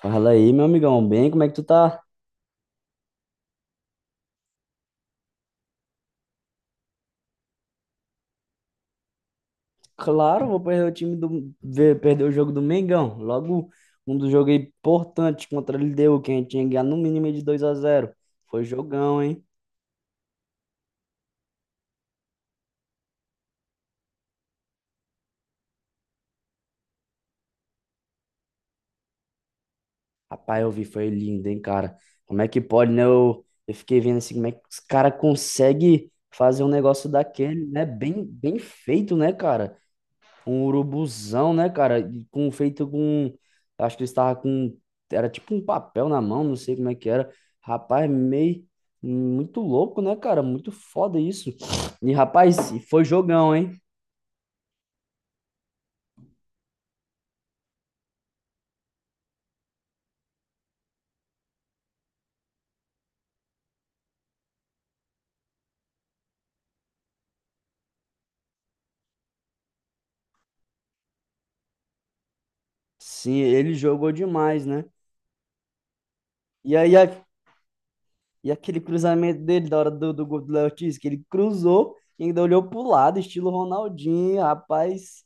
Fala aí, meu amigão, bem, como é que tu tá? Claro, vou perder o time perder o jogo do Mengão. Logo um dos jogos importantes contra a LDU, que a gente tinha que ganhar no mínimo de 2-0. Foi jogão, hein? Rapaz, eu vi, foi lindo, hein, cara. Como é que pode, né? Eu fiquei vendo assim, como é que os cara consegue fazer um negócio daquele, né? Bem, bem feito, né, cara? Um urubuzão, né, cara? E com feito com. Acho que ele estava com. Era tipo um papel na mão, não sei como é que era. Rapaz, meio. Muito louco, né, cara? Muito foda isso. E, rapaz, e foi jogão, hein? Sim, ele jogou demais, né? E aí, e aquele cruzamento dele da hora do gol do Léo Ortiz, que ele cruzou e ainda olhou pro lado, estilo Ronaldinho, rapaz.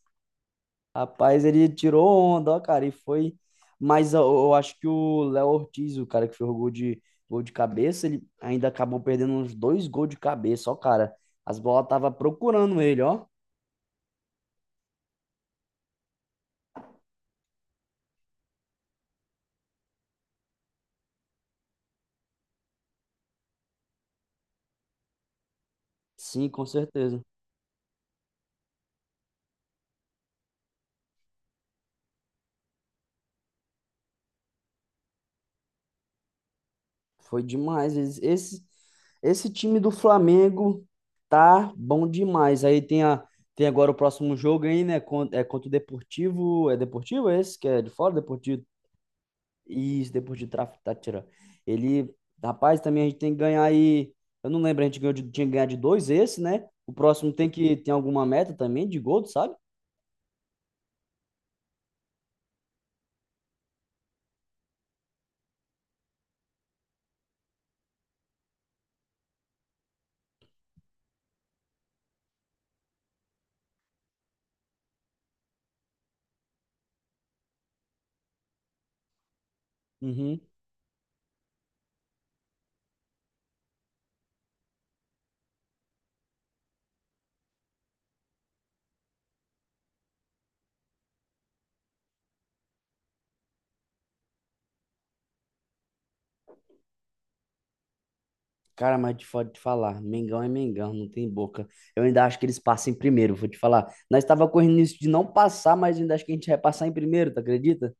Rapaz, ele tirou onda, ó, cara, e foi. Mas eu acho que o Léo Ortiz, o cara que fez o gol de cabeça, ele ainda acabou perdendo uns dois gols de cabeça, ó, cara. As bolas tava procurando ele, ó. Sim, com certeza. Foi demais. Esse time do Flamengo tá bom demais. Aí tem, a, tem agora o próximo jogo aí, né? É contra o Deportivo. É Deportivo esse? Que é de fora? Deportivo. Isso, depois de tráfico tá tirando. Ele, rapaz, também a gente tem que ganhar aí. Eu não lembro, a gente tinha que ganhar de dois esse, né? O próximo tem que tem alguma meta também de gol, tu sabe? Uhum. Cara, mas de foda de falar, Mengão é Mengão, não tem boca. Eu ainda acho que eles passam em primeiro, vou te falar. Nós estava correndo nisso de não passar, mas eu ainda acho que a gente vai passar em primeiro, tu acredita?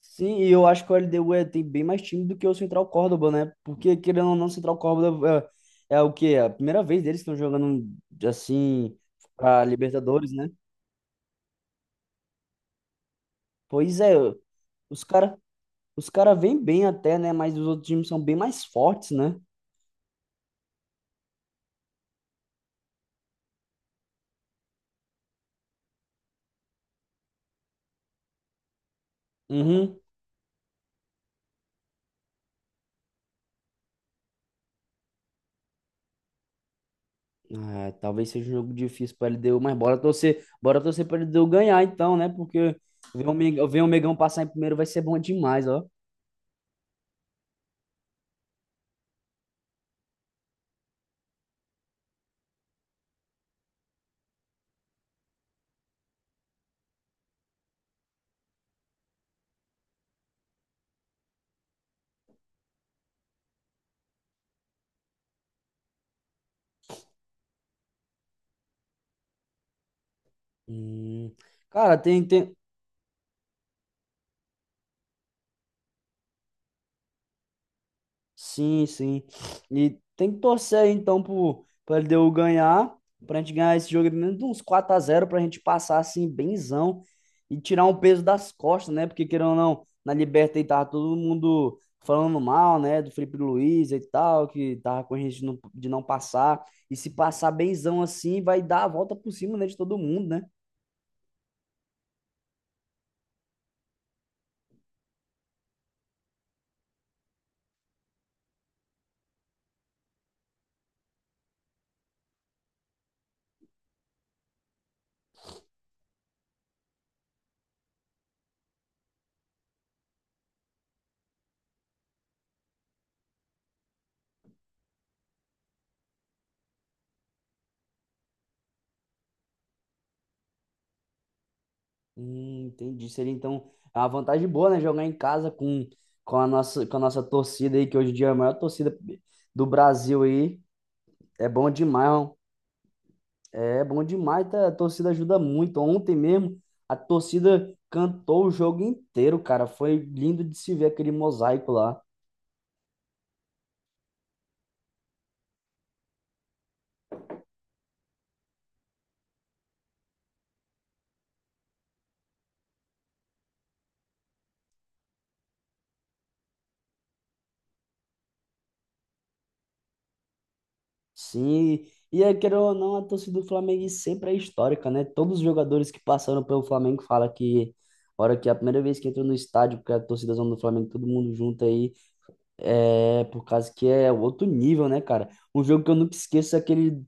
Sim, e eu acho que o LDU é, tem bem mais time do que o Central Córdoba, né? Porque, querendo ou não, o Central Córdoba é, é o quê? É a primeira vez deles que estão jogando, assim, pra Libertadores, né? Pois é, os cara, os cara vêm bem até, né? Mas os outros times são bem mais fortes, né? Uhum. É, talvez seja um jogo difícil para LDU, mas bora torcer para LDU ganhar então, né? Porque ver o Mengão passar em primeiro vai ser bom demais, ó. Hum. Cara, sim, sim. E tem que torcer aí, então pro LDU ganhar, pra gente ganhar esse jogo de menos de uns 4-0, pra gente passar assim, benzão e tirar um peso das costas, né? Porque querendo ou não, na Liberta aí tava todo mundo falando mal, né? Do Felipe Luiz e tal, que tava com risco de não passar. E se passar benzão assim, vai dar a volta por cima, né? De todo mundo, né? Entendi. Seria então é uma vantagem boa, né? Jogar em casa com, com a nossa torcida aí, que hoje em dia é a maior torcida do Brasil aí. É bom demais, ó. É bom demais. Tá? A torcida ajuda muito. Ontem mesmo, a torcida cantou o jogo inteiro, cara. Foi lindo de se ver aquele mosaico lá. Sim, e é, queira ou não, a torcida do Flamengo sempre é histórica, né? Todos os jogadores que passaram pelo Flamengo falam que, a hora que é a primeira vez que entra no estádio, porque a torcida do Flamengo, todo mundo junto aí. É, por causa que é outro nível, né, cara? Um jogo que eu nunca esqueço é aquele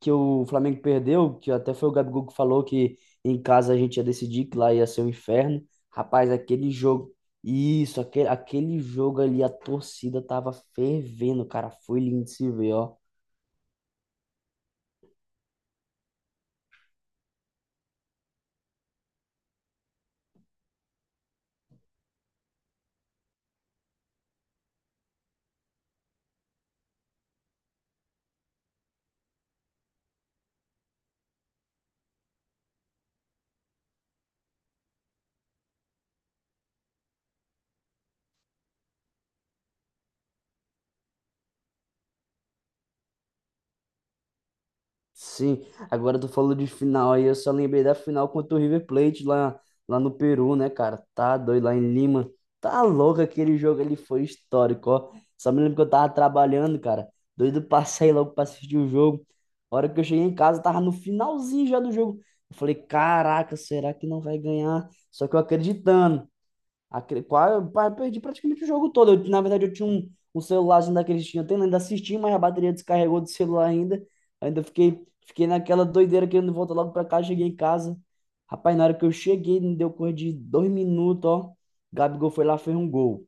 que o Flamengo perdeu, que até foi o Gabigol que falou que em casa a gente ia decidir que lá ia ser um inferno. Rapaz, aquele jogo, isso, aquele, aquele jogo ali, a torcida tava fervendo, cara. Foi lindo de se ver, ó. Sim, agora tu falou de final aí, eu só lembrei da final contra o River Plate lá no Peru, né, cara? Tá doido lá em Lima. Tá louco aquele jogo ali, foi histórico, ó. Só me lembro que eu tava trabalhando, cara. Doido pra sair logo pra assistir o jogo. A hora que eu cheguei em casa, tava no finalzinho já do jogo. Eu falei, caraca, será que não vai ganhar? Só que eu acreditando. Aquele, quase, perdi praticamente o jogo todo. Eu, na verdade, eu tinha um celularzinho daqueles que tinha tendo, ainda assisti, mas a bateria descarregou do celular ainda. Ainda fiquei naquela doideira querendo voltar logo pra casa, cheguei em casa. Rapaz, na hora que eu cheguei, não deu coisa de dois minutos, ó. Gabigol foi lá, fez um gol.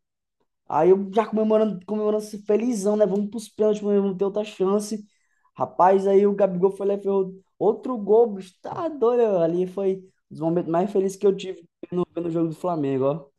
Aí eu já comemorando, comemorando assim, felizão, né? Vamos pros pênaltis, mas vamos ter outra chance. Rapaz, aí o Gabigol foi lá e fez outro gol, bicho. Tá doido, ali foi um dos momentos mais felizes que eu tive no jogo do Flamengo, ó.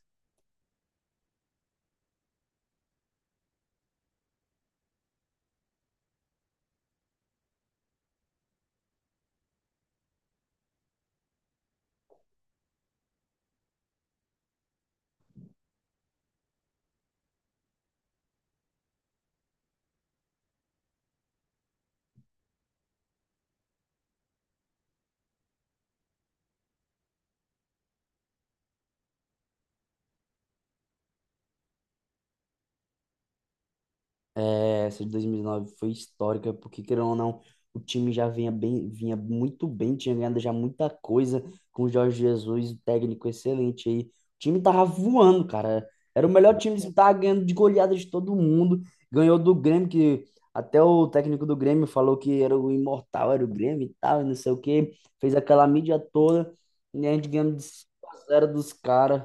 É, essa de 2009 foi histórica, porque, querendo ou não, o time já vinha bem, vinha muito bem, tinha ganhado já muita coisa com o Jorge Jesus, um técnico excelente aí. O time tava voando, cara. Era o melhor time, que tava ganhando de goleada de todo mundo. Ganhou do Grêmio, que até o técnico do Grêmio falou que era o imortal, era o Grêmio e tal, e não sei o quê. Fez aquela mídia toda, e a gente ganhando de 5-0 dos caras.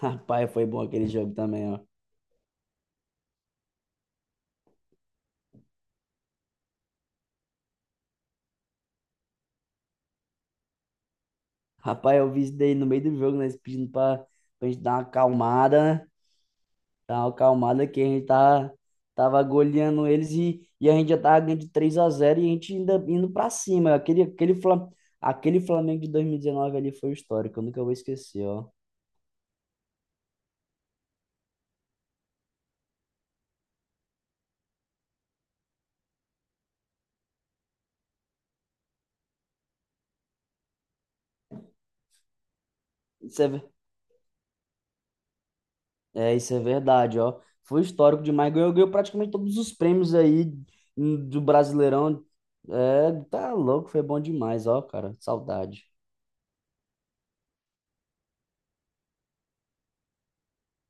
Rapaz, foi bom aquele jogo também, ó. Rapaz, eu vi isso daí no meio do jogo, né? Pedindo pra gente dar uma acalmada, né? Dar uma acalmada que a gente tava goleando eles e a gente já tava ganhando de 3-0 e a gente ainda indo pra cima. Aquele Flamengo de 2019 ali foi histórico, eu nunca vou esquecer, ó. Isso é, é, isso é verdade, ó. Foi histórico demais. Ganhou praticamente todos os prêmios aí do Brasileirão. É, tá louco, foi bom demais, ó, cara. Saudade.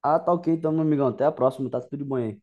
Ah, tá ok, então, meu amigão. Até a próxima, tá tudo de bom aí.